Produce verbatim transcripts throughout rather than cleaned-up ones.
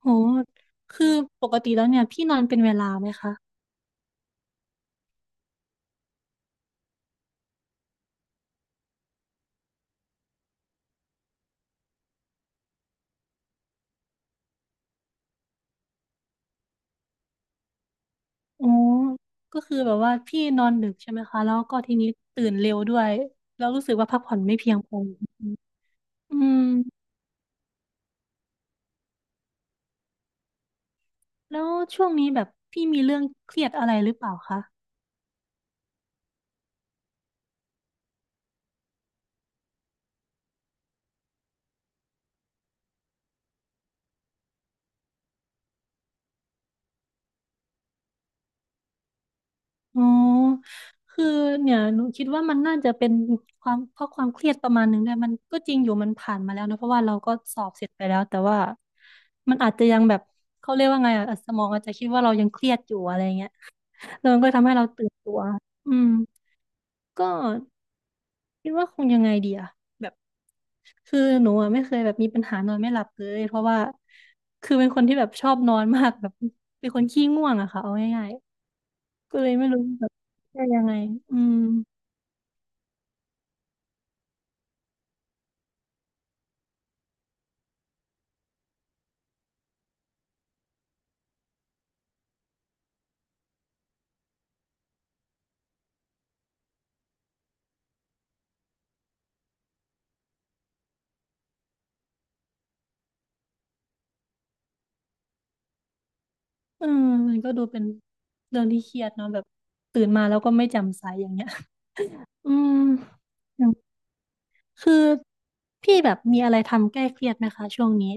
โหคือปกติแล้วเนี่ยพี่นอนเป็นเวลาไหมคะอ๋อก็คือแบบว่าพี่นอนดึกใช่ไหมคะแล้วก็ทีนี้ตื่นเร็วด้วยแล้วรู้สึกว่าพักผ่อนไม่เพียงพออืมแล้วช่วงนี้แบบพี่มีเรื่องเครียดอะไรหรือเปล่าคะอ๋อคือเนี่ยหนูคิดว่ามันน่าจะเป็นความเพราะความเครียดประมาณหนึงด้วยมันก็จริงอยู่มันผ่านมาแล้วนะเพราะว่าเราก็สอบเสร็จไปแล้วแต่ว่ามันอาจจะยังแบบเขาเรียกว่าไงอะสมองอาจจะคิดว่าเรายังเครียดอยู่อะไรเงี้ย แล้วมันก็ทำให้เราตื่นตัว อืม ก็คิดว่าคงยังไงดีอะแบบคือหนูอะไม่เคยแบบมีปัญหานอนไม่หลับเลยเพราะว่าคือเป็นคนที่แบบชอบนอนมากแบบเป็นคนขี้ง่วงอะค่ะเอาง่ายๆก็เลยไม่รู้แบบจะยังไงอืมอออมันก็ดูเป็นเรื่องที่เครียดเนาะแบบตื่นมาแล้วก็ไม่แจ่มใสอย่างเงี้ย อืมอย่างคือพี่แบบมีอะไรทำแก้เครียดไหมคะช่วงนี้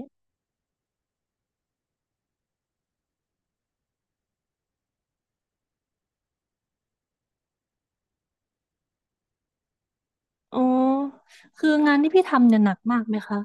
อ๋อคืองานที่พี่ทำเนี่ยหนักมากไหมคะ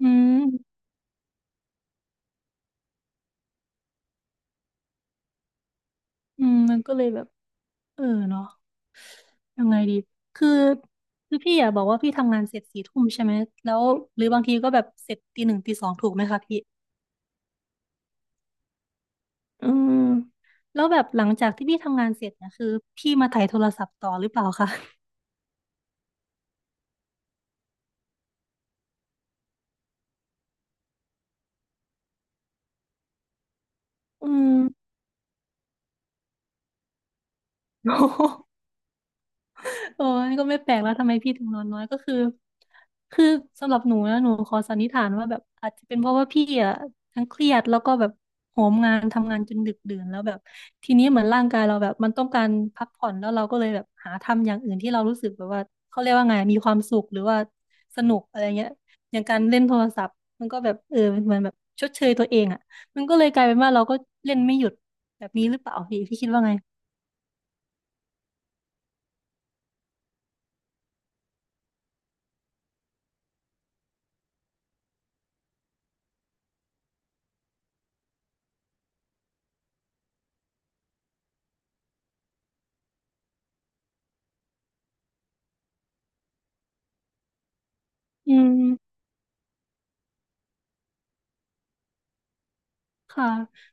อืม อืมมันก็เลยแบบเออเนาะยังไงดีคือคือพี่อ่ะบอกว่าพี่ทำงานเสร็จสี่ทุ่มใช่ไหมแล้วหรือบางทีก็แบบเสร็จตีหนึ่งตีสองถูกไหมคะพี่อืมแล้วแบบหลังจากที่พี่ทำงานเสร็จเนี่ยคือพี่มาไถ่ายโทรศัพท์ต่อหรือเปล่าคะอืม โอ้ยก็ไม่แปลกแล้วทำไมพี่ถึงนอนน้อยก็คือคือสำหรับหนูนะหนูขอสันนิษฐานว่าแบบอาจจะเป็นเพราะว่าพี่อ่ะทั้งเครียดแล้วก็แบบโหมงานทำงานจนดึกดื่นแล้วแบบทีนี้เหมือนร่างกายเราแบบมันต้องการพักผ่อนแล้วเราก็เลยแบบหาทำอย่างอื่นที่เรารู้สึกแบบว่าเขาเรียกว่าไงมีความสุขหรือว่าสนุกอะไรเงี้ยอย่างการเล่นโทรศัพท์มันก็แบบเออเหมือนแบบชดเชยตัวเองอ่ะมันก็เลยกลายเป็นว่าเราก็เล่นไม่หยุดแบบนี้หรือเปล่าพี่พี่คิดว่าไงอืม ค่ะ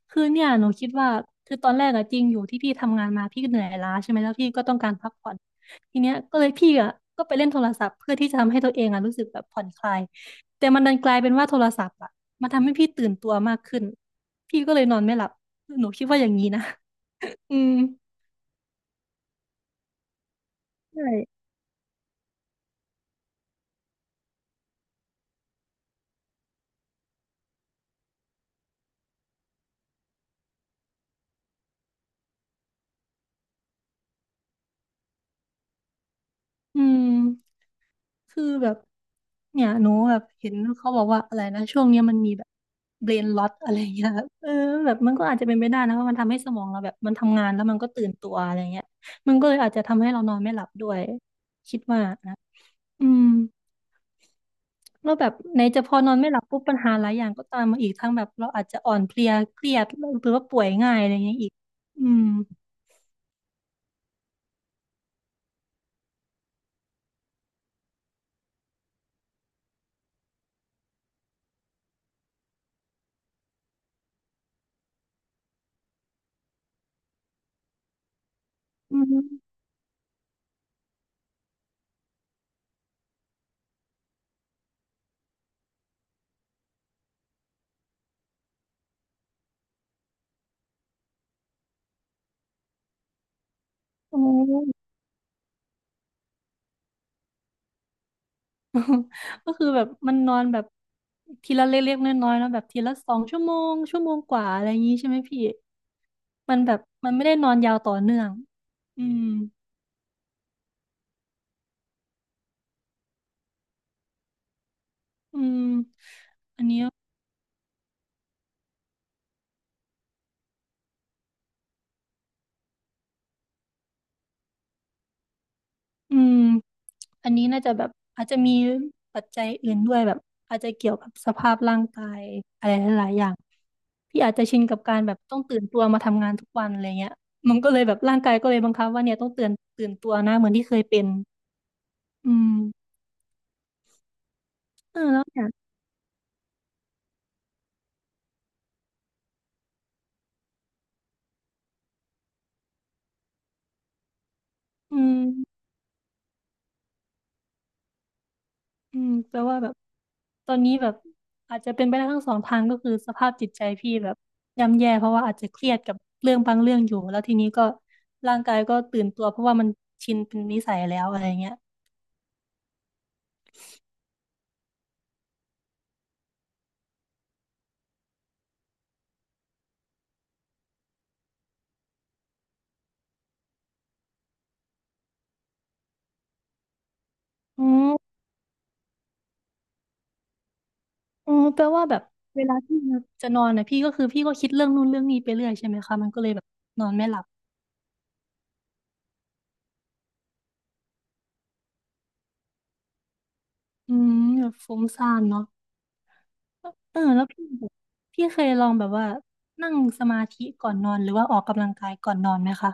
คือเนี่ยหนูคิดว่าคือตอนแรกอะจริงอยู่ที่พี่ทำงานมาพี่ก็เหนื่อยล้าใช่ไหมแล้วพี่ก็ต้องการพักผ่อนทีเนี้ยก็เลยพี่อะก็ไปเล่นโทรศัพท์เพื่อที่จะทำให้ตัวเองอะรู้สึกแบบผ่อนคลายแต่มันดันกลายเป็นว่าโทรศัพท์อะมันทำให้พี่ตื่นตัวมากขึ้นพี่ก็เลยนอนไม่หลับหนูคิดว่าอย่างนี้นะ อืมใช่อืม คือแบบเนี่ยหนูแบบเห็นเขาบอกว่าอะไรนะช่วงเนี้ยมันมีแบบเบรนล็อตอะไรเงี้ยแบบเออแบบมันก็อาจจะเป็นไปได้นะว่าะมันทำให้สมองเราแบบมันทำงานแล้วมันก็ตื่นตัวอะไรเงี้ยมันก็เลยอาจจะทำให้เรานอนไม่หลับด้วยคิดว่านะอืมแล้วแบบไหนจะพอนอนไม่หลับปุ๊บปัญหาหลายอย่างก็ตามมาอีกทั้งแบบเราอาจจะอ่อนเพลียเครียดหรือว่าป่วยง่ายอะไรเงี้ยอีกอืมอืมโอ้ ก็คือแบบมันนอนแบบทีละเล็กๆน้อยๆเนาะแบบทีละสองชั่วโมงชั่วโมงกว่าอะไรอย่างงี้ใช่ไหมพี่มันแบบมันไม่ได้นอนยาวต่อเนื่องอืมอืมอืมอันนี้น่าจะแบบอาจจะมีปัจจัยอื่นด้วยแบบอาจจะเกี่ยวกับสภาพร่างกายอะไรหลายๆอย่างพี่อาจจะชินกับการแบบต้องตื่นตัวมาทำงานทุกวันอะไรเงี้ยมันก็เลยแบบร่างกายก็เลยบังคับว่าเนี่ยต้องตื่นตื่นตัวนะเหมือนที่เคยเป็นอืมเออแล้วเนี่ยอืม อืมแปลว่าแบบตอนนี้แบบอาจจะเป็นไปได้ทั้งสองทางก็คือสภาพจิตใจพี่แบบย่ำแย่เพราะว่าอาจจะเครียดกับเรื่องบางเรื่องอยู่แล้วทีนี้ก็ร่างกายก็ตื่นตัวเพราะว่ามันชินเป็นนิสัยแล้วอะไรเงี้ยอืมอืมแปลว่าแบบเวลาที่จะนอนนะพี่ก็คือพี่ก็คิดเรื่องนู่นเรื่องนี้ไปเรื่อยใช่ไหมคะมันก็เลยแบบนอนไม่หลับอืมแบบฟุ้งซ่านเนาะเออแล้วพี่แบบพี่เคยลองแบบว่านั่งสมาธิก่อนนอนหรือว่าออกกำลังกายก่อนนอนไหมคะ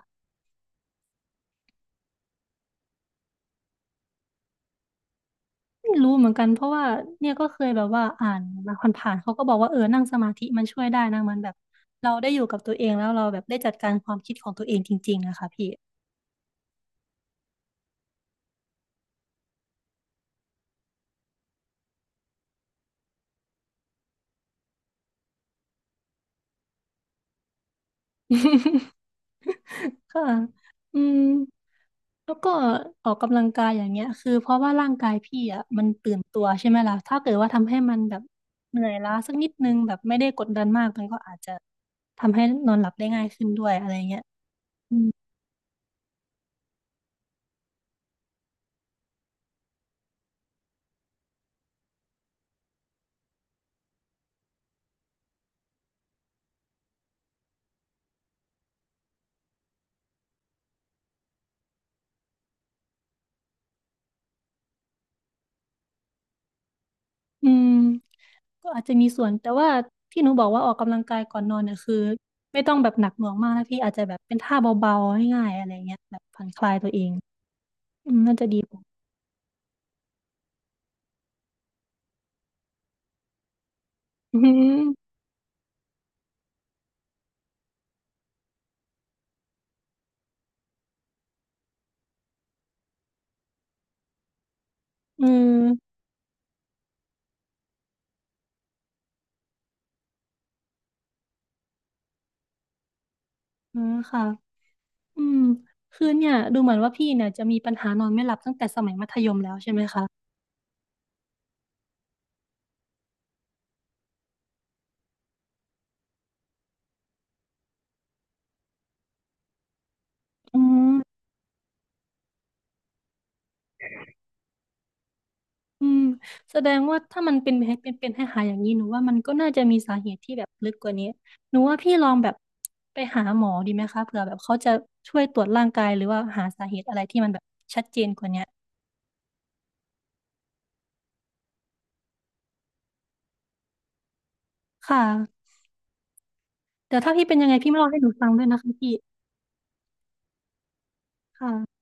ไม่รู้เหมือนกันเพราะว่าเนี่ยก็เคยแบบว่าอ่านมาผ่านๆเขาก็บอกว่าเออนั่งสมาธิมันช่วยได้นะมันแบบเราได้อยู่กับตัวเองแล้วเราแบบได้จัดการความคิดของตัวเองจริงๆนะคะพี่ ค่ะอืมแล้วก็ออกกำลังกายอย่างเงี้ยคือเพราะว่าร่างกายพี่อ่ะมันตื่นตัวใช่ไหมล่ะถ้าเกิดว่าทำให้มันแบบเหนื่อยล้าสักนิดนึงแบบไม่ได้กดดันมากมันก็อาจจะทำให้นอนหลับได้ง่ายขึ้นด้วยอะไรเงี้ยอืมอืม ก็อาจจะมีส่วนแต่ว่าที่หนูบอกว่าออกกำลังกายก่อนนอนเนี่ยคือไม่ต้องแบบหนักหน่วงมากนะพี่อาจจะแบบเป็นท่าเบาๆง่ายๆอะไรเงี้ยแบบผ่อนคลายตัวเองอืมน่าจะดีกว่า อืมอืมอืมค่ะอืมคือเนี่ยดูเหมือนว่าพี่เนี่ยจะมีปัญหานอนไม่หลับตั้งแต่สมัยมัธยมแล้วใช่ไหมคะอืม อืมแสดงว่าถ้ามันเป็นเป็นเป็นให้หายๆอย่างนี้หนูว่ามันก็น่าจะมีสาเหตุที่แบบลึกกว่านี้หนูว่าพี่ลองแบบไปหาหมอดีไหมคะเผื่อแบบเขาจะช่วยตรวจร่างกายหรือว่าหาสาเหตุอะไรที่มันแบบชัดเจนกว่านี้ค่ะแต่ถ้าพี่เป็นยังไงพี่มาเล่าให้หนูฟังด้วยนะคะพี่ค่ะ